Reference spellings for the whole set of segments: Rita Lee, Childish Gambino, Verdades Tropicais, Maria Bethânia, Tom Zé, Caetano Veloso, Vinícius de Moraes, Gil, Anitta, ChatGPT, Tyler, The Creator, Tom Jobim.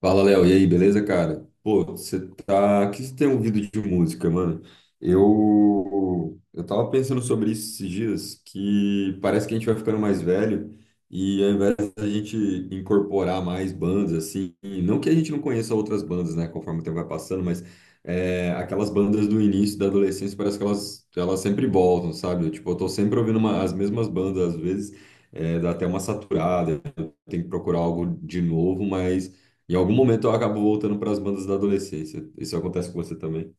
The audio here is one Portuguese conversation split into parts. Fala, Léo. E aí, beleza, cara? Pô, você tá. O que você tem ouvido de música, mano? Eu tava pensando sobre isso esses dias, que parece que a gente vai ficando mais velho e ao invés da gente incorporar mais bandas, assim, não que a gente não conheça outras bandas, né, conforme o tempo vai passando, mas aquelas bandas do início da adolescência parece que elas sempre voltam, sabe? Tipo, eu tô sempre as mesmas bandas, às vezes dá até uma saturada, tem que procurar algo de novo, mas. Em algum momento eu acabo voltando para as bandas da adolescência. Isso acontece com você também?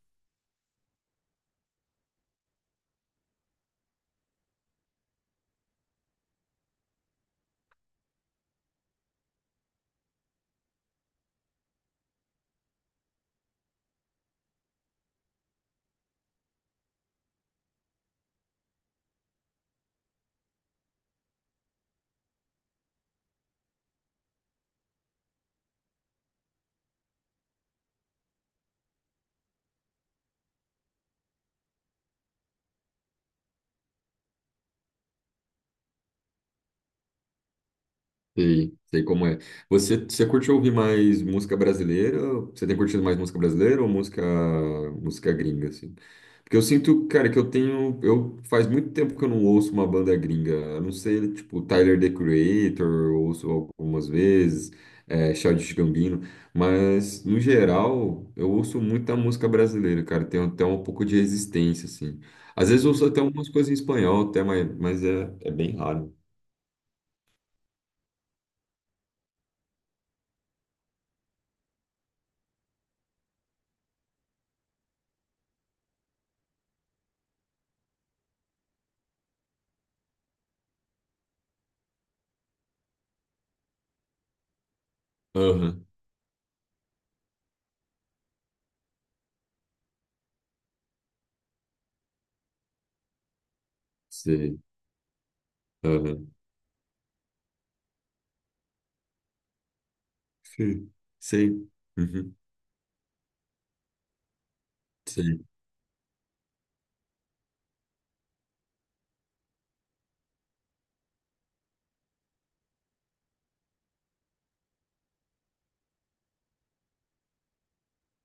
Sei, sei como é. Você curte ouvir mais música brasileira? Você tem curtido mais música brasileira ou música gringa, assim? Porque eu sinto, cara, que eu tenho. Eu, faz muito tempo que eu não ouço uma banda gringa. A não ser, tipo, Tyler, The Creator, eu ouço algumas vezes, Childish Gambino. Mas, no geral, eu ouço muita música brasileira, cara. Tenho até um pouco de resistência, assim. Às vezes eu ouço até algumas coisas em espanhol, até, mas, é bem raro. Aham, sei. Aham. Sim. Sei. Uhum. Sei.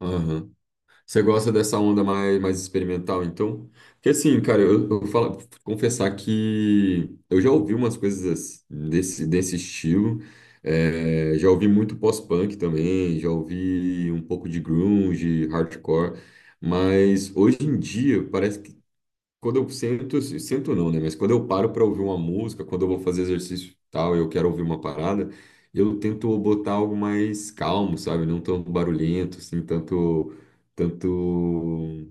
Aham. Você gosta dessa onda mais, mais experimental, então? Porque assim, cara, eu confessar que eu já ouvi umas coisas ass- desse, desse estilo. Já ouvi muito pós-punk também, já ouvi um pouco de grunge, hardcore. Mas hoje em dia parece que quando eu sento, assim, sento não, né? Mas quando eu paro para ouvir uma música, quando eu vou fazer exercício e tal, eu quero ouvir uma parada, eu tento botar algo mais calmo, sabe? Não tão barulhento, assim, tanto,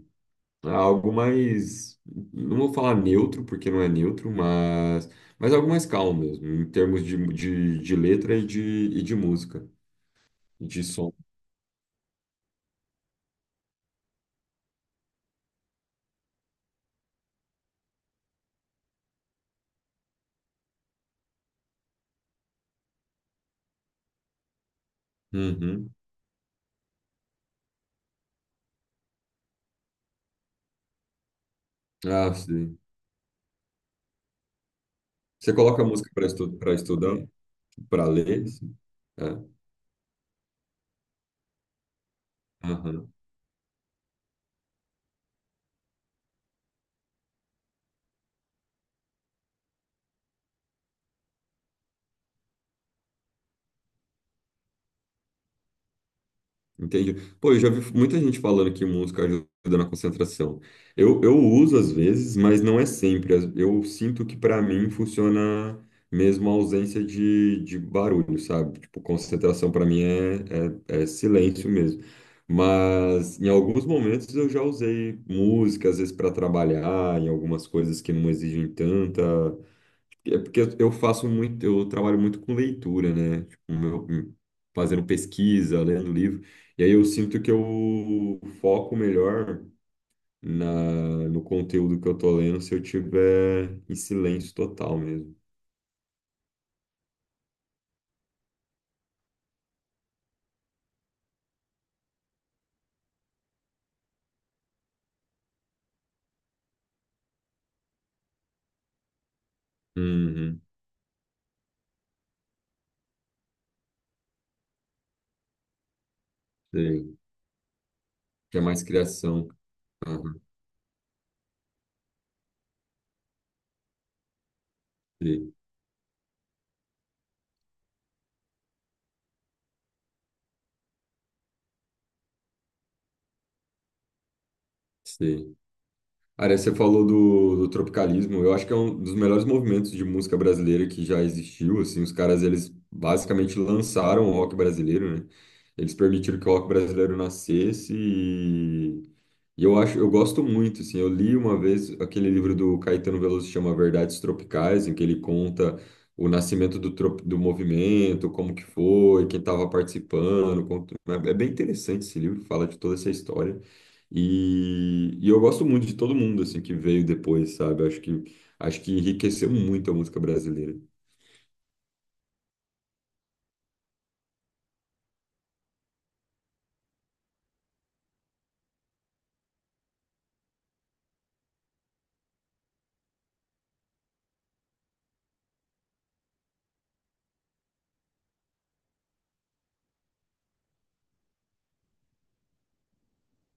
algo mais, não vou falar neutro, porque não é neutro, mas algo mais calmo mesmo, em termos de letra e de música, e de som. Uhum. Ah, sim. Você coloca música para estudar, para ler, sim. É. Aham. Entendi. Pô, eu já vi muita gente falando que música ajuda na concentração. Eu uso às vezes, mas não é sempre. As- Eu sinto que para mim funciona mesmo a ausência de barulho, sabe? Tipo, concentração para mim é, é silêncio mesmo. Mas em alguns momentos eu já usei música, às vezes para trabalhar, em algumas coisas que não exigem tanta. É porque eu faço muito, eu trabalho muito com leitura, né? Fazendo pesquisa, lendo livro. E aí eu sinto que eu foco melhor na, no conteúdo que eu tô lendo se eu tiver em silêncio total mesmo. Uhum, sei. Que é mais criação. Aham, sei, sei. Aria, você falou do tropicalismo. Eu acho que é um dos melhores movimentos de música brasileira que já existiu. Assim, os caras eles basicamente lançaram o rock brasileiro, né? Eles permitiram que o rock brasileiro nascesse e eu acho, eu gosto muito, assim, eu li uma vez aquele livro do Caetano Veloso que chama Verdades Tropicais, em que ele conta o nascimento do movimento, como que foi, quem estava participando, é é bem interessante esse livro, fala de toda essa história. E eu gosto muito de todo mundo, assim, que veio depois, sabe? Acho que enriqueceu muito a música brasileira.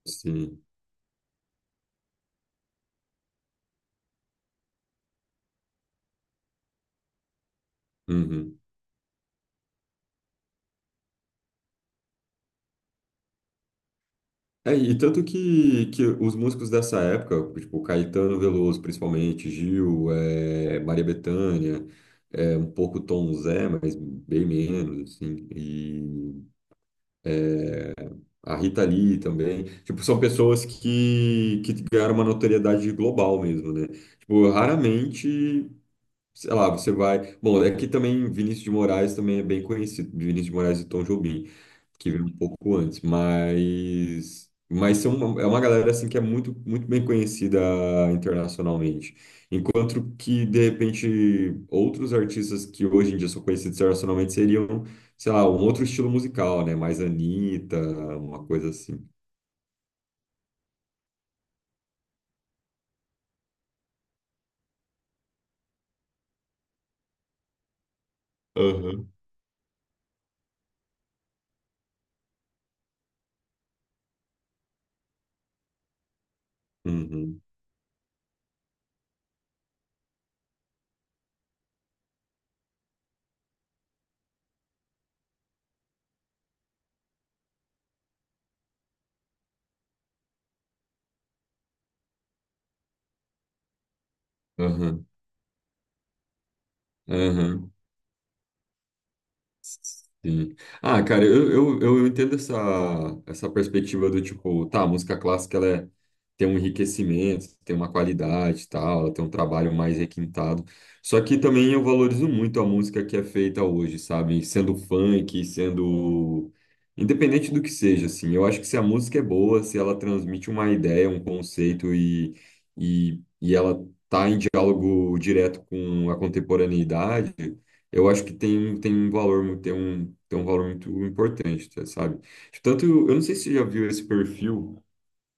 Sim. Uhum. É, e tanto que os músicos dessa época, tipo Caetano Veloso, principalmente, Gil, Maria Bethânia, é um pouco Tom Zé, mas bem menos, assim, e a Rita Lee também, tipo, são pessoas que ganharam uma notoriedade global mesmo, né? Tipo, raramente sei lá, você vai. Bom, é que também Vinícius de Moraes também é bem conhecido, Vinícius de Moraes e Tom Jobim, que veio um pouco antes, mas é uma galera assim que é muito bem conhecida internacionalmente. Enquanto que de repente outros artistas que hoje em dia são conhecidos internacionalmente seriam, sei lá, um outro estilo musical, né? Mais Anitta, uma coisa assim. Aham. Uhum. Aham. Aham. Sim. Ah, cara, eu entendo essa, essa perspectiva do tipo, tá, a música clássica ela é- tem um enriquecimento, tem uma qualidade e tal, ela tem um trabalho mais requintado. Só que também eu valorizo muito a música que é feita hoje, sabe? Sendo funk, sendo. Independente do que seja, assim. Eu acho que se a música é boa, se ela transmite uma ideia, um conceito e ela tá em diálogo direto com a contemporaneidade eu acho que tem um valor muito importante, tá, sabe? Tanto, eu não sei se você já viu esse perfil,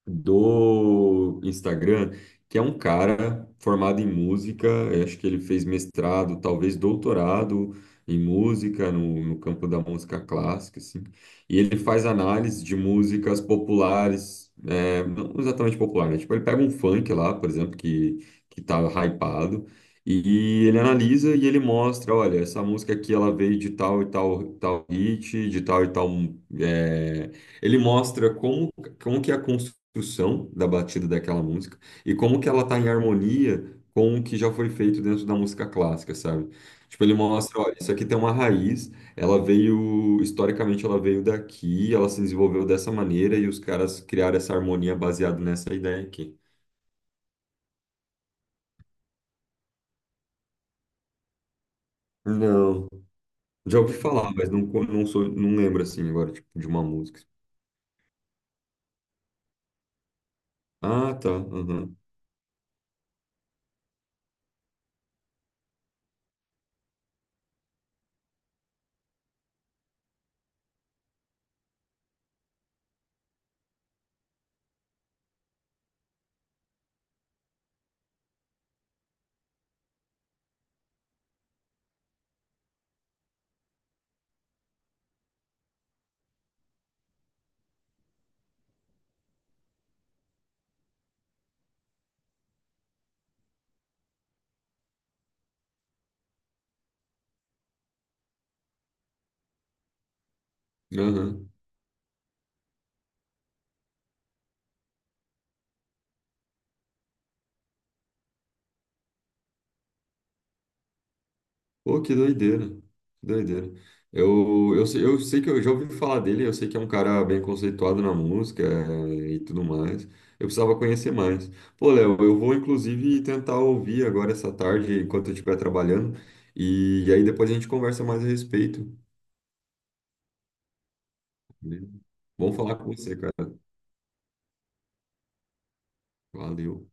do Instagram, que é um cara formado em música, eu acho que ele fez mestrado, talvez doutorado em música, no campo da música clássica, assim, e ele faz análise de músicas populares, é, não exatamente populares, né? Tipo, ele pega um funk lá, por exemplo, que tá hypado. E ele analisa e ele mostra, olha, essa música aqui ela veio de tal e tal, tal hit, de tal e tal. é, Ele mostra como que é a construção da batida daquela música e como que ela está em harmonia com o que já foi feito dentro da música clássica, sabe? Tipo, ele mostra, olha, isso aqui tem uma raiz, ela veio, historicamente ela veio daqui, ela se desenvolveu dessa maneira e os caras criaram essa harmonia baseada nessa ideia aqui. Não, já ouvi falar, mas não, não sou, não lembro assim agora, tipo, de uma música. Ah, tá, aham, aham. Pô, que doideira. Que doideira. Eu sei que eu já ouvi falar dele, eu sei que é um cara bem conceituado na música e tudo mais. Eu precisava conhecer mais. Pô, Léo, eu vou inclusive tentar ouvir agora essa tarde, enquanto eu estiver trabalhando, e aí depois a gente conversa mais a respeito. Beleza? Bom falar com você, cara. Valeu.